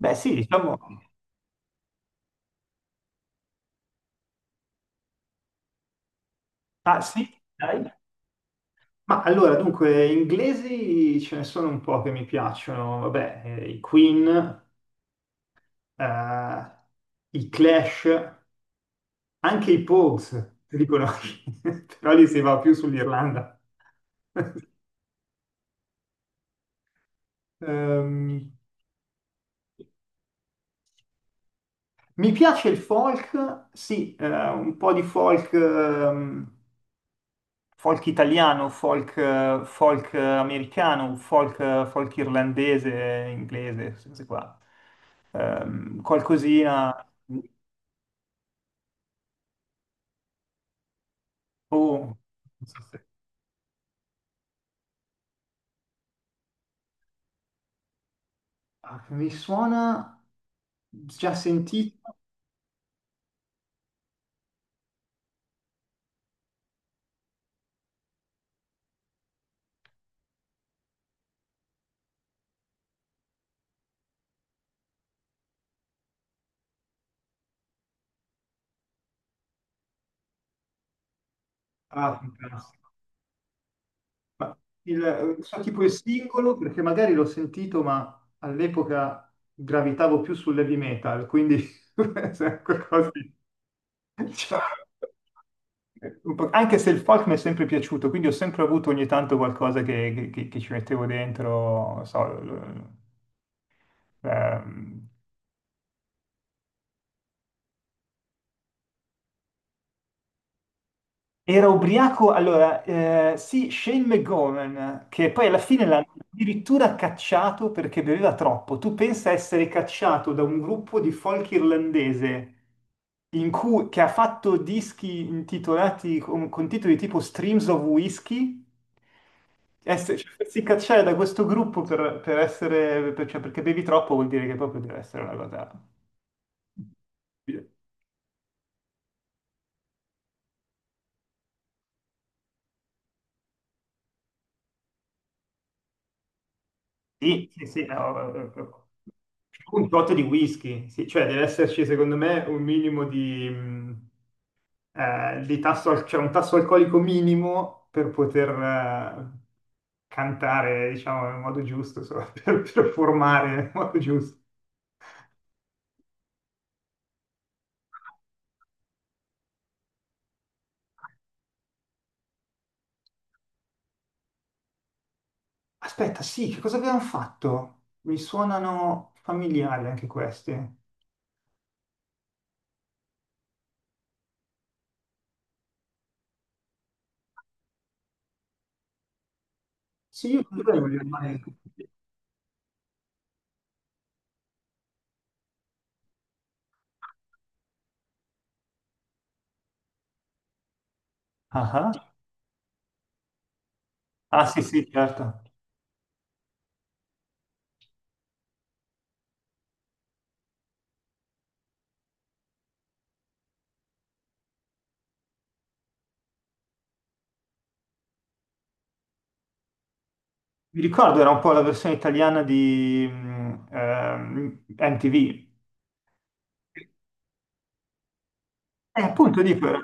Beh, sì, diciamo, ah, sì, dai. Ma allora, dunque, inglesi ce ne sono un po' che mi piacciono, vabbè, i Queen, eh, i Clash, anche i Pogues, li conosci, però lì si va più sull'Irlanda. Ehm, mi piace il folk, sì, un po' di folk, folk italiano, folk, folk americano, folk, folk irlandese, inglese, queste cose qua. Qualcosina. Oh, non so ah, mi suona già sentito. Ah, fantastico. Ma so tipo il singolo, perché magari l'ho sentito, ma all'epoca gravitavo più sull'heavy metal, quindi se è qualcosa di. Cioè, Anche se il folk mi è sempre piaciuto, quindi ho sempre avuto ogni tanto qualcosa che ci mettevo dentro, non so, l- ehm, Era ubriaco, allora, sì, Shane McGowan, che poi alla fine l'hanno addirittura cacciato perché beveva troppo. Tu pensa essere cacciato da un gruppo di folk irlandese che ha fatto dischi intitolati con titoli tipo Streams of Whiskey, essere, cioè, farsi cacciare da questo gruppo cioè, perché bevi troppo vuol dire che proprio deve essere una cosa. Sì, sì, sì, no, un tot di whisky, sì, cioè deve esserci secondo me un minimo di tasso, cioè un tasso alcolico minimo per poter cantare, diciamo, nel modo giusto, insomma, per performare nel modo giusto. Aspetta, sì, che cosa abbiamo fatto? Mi suonano familiari anche questi. Sì, io credo ah, ah. Ah, sì, sì, certo. Mi ricordo, era un po' la versione italiana di MTV. E appunto dico, era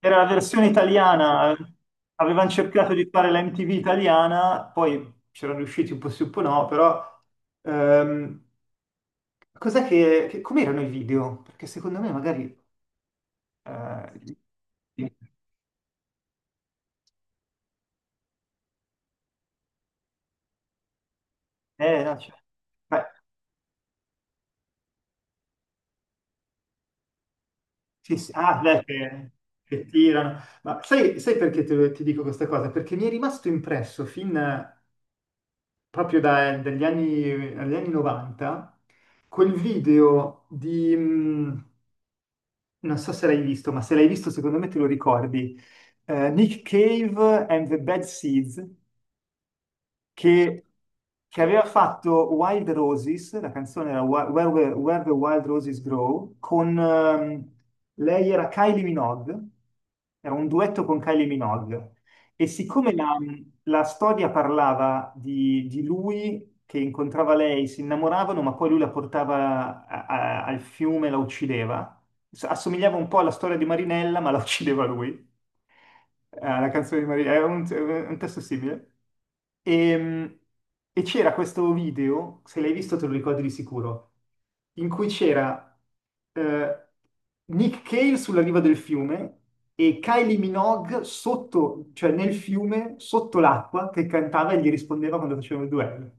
era la versione italiana, avevano cercato di fare la MTV italiana, poi c'erano riusciti un po' sì, un po' no, però ehm, cos'è com'erano i video? Perché secondo me magari. Eh, sì. No, cioè. Sì, sì. Ah, beh, che tirano. Ma sai perché ti dico questa cosa? Perché mi è rimasto impresso fin proprio dagli anni 90 quel video non so se l'hai visto, ma se l'hai visto secondo me te lo ricordi. Nick Cave and the Bad Seeds, che, che aveva fatto Wild Roses, la canzone era Where the Wild Roses Grow, con lei era Kylie Minogue, era un duetto con Kylie Minogue. E siccome la storia parlava di lui che incontrava lei si innamoravano, ma poi lui la portava al fiume e la uccideva. Assomigliava un po' alla storia di Marinella, ma la uccideva lui. Alla canzone di Marinella, era un testo simile. Ehm, E c'era questo video, se l'hai visto te lo ricordi di sicuro, in cui c'era eh, Nick Cave sulla riva del fiume e Kylie Minogue sotto, cioè nel fiume, sotto l'acqua, che cantava e gli rispondeva quando facevano il duello.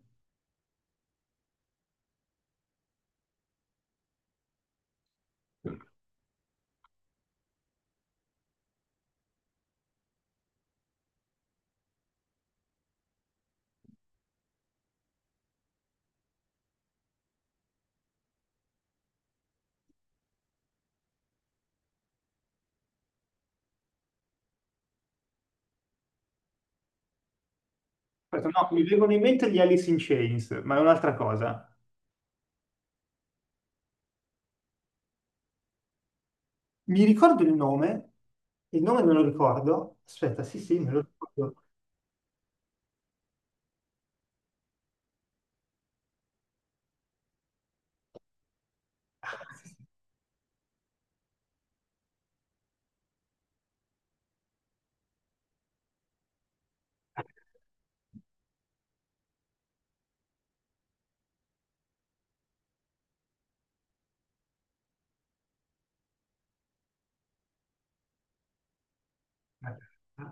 Aspetta, no, mi vengono in mente gli Alice in Chains, ma è un'altra cosa. Mi ricordo il nome me lo ricordo. Aspetta, sì, sì, me lo ricordo.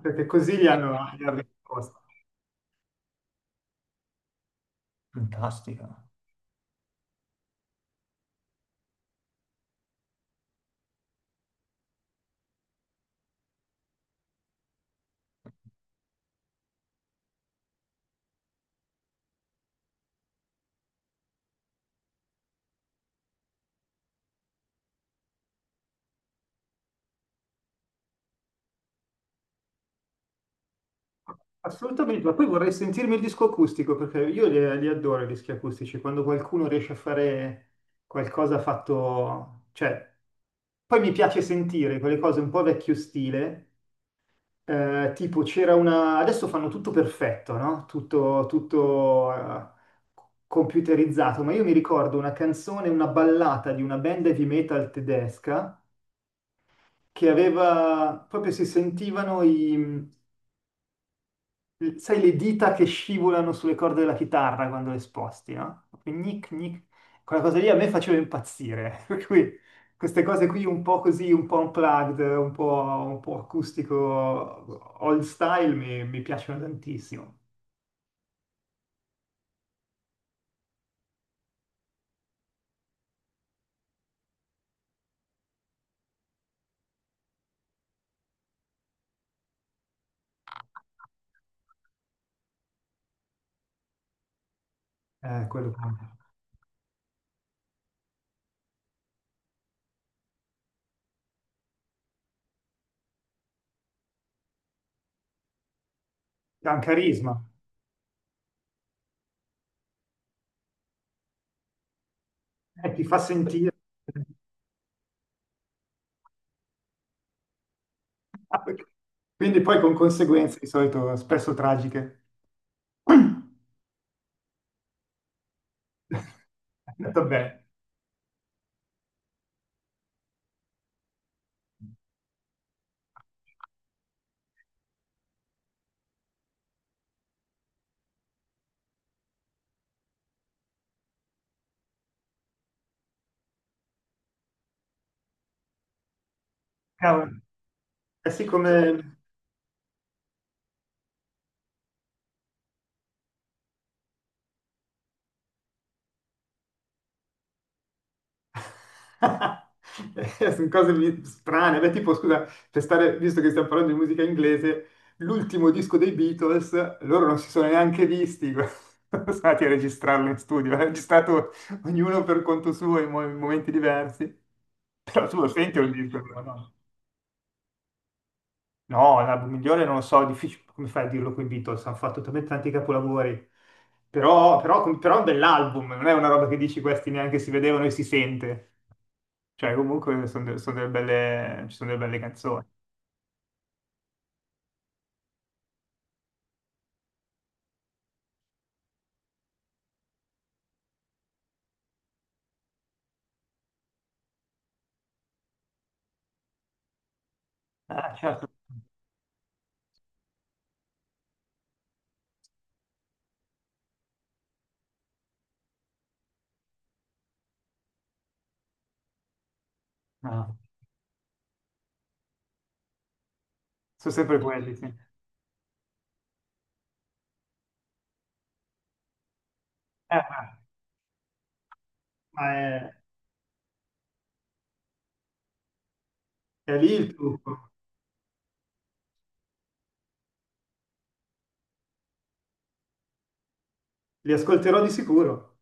Perché così gli hanno risposto. Fantastica. Assolutamente, ma poi vorrei sentirmi il disco acustico perché io li adoro i dischi acustici, quando qualcuno riesce a fare qualcosa fatto, cioè, poi mi piace sentire quelle cose un po' vecchio stile. Tipo c'era una. Adesso fanno tutto perfetto, no? Tutto computerizzato, ma io mi ricordo una canzone, una ballata di una band heavy metal tedesca che aveva. Proprio si sentivano sai, le dita che scivolano sulle corde della chitarra quando le sposti, no? Proprio Gnic, gnic. Quella cosa lì a me faceva impazzire, per cui queste cose qui un po' così, un po' unplugged, un po' acustico, old style, mi piacciono tantissimo. Quello che ha un carisma, ti fa sentire. Quindi poi con conseguenze di solito spesso tragiche. Vabbè, cavolo. Eh sì, come, Sono cose strane. Beh, tipo, scusa, per stare, visto che stiamo parlando di musica inglese, l'ultimo disco dei Beatles, loro non si sono neanche visti, sono stati a registrarlo in studio, l'ha registrato ognuno per conto suo in momenti diversi. Però tu lo senti un l'album disco, migliore, no? No, l'album migliore non lo so, è difficile, come fai a dirlo con i Beatles, hanno fatto talmente tanti capolavori. Però è un bell'album, non è una roba che dici questi neanche si vedevano e si sente. Cioè, comunque sono, sono delle belle, ci sono delle belle canzoni. Ah, certo. No, sono sempre quelli, sì. Ma ma è lì il trucco. Li ascolterò di sicuro.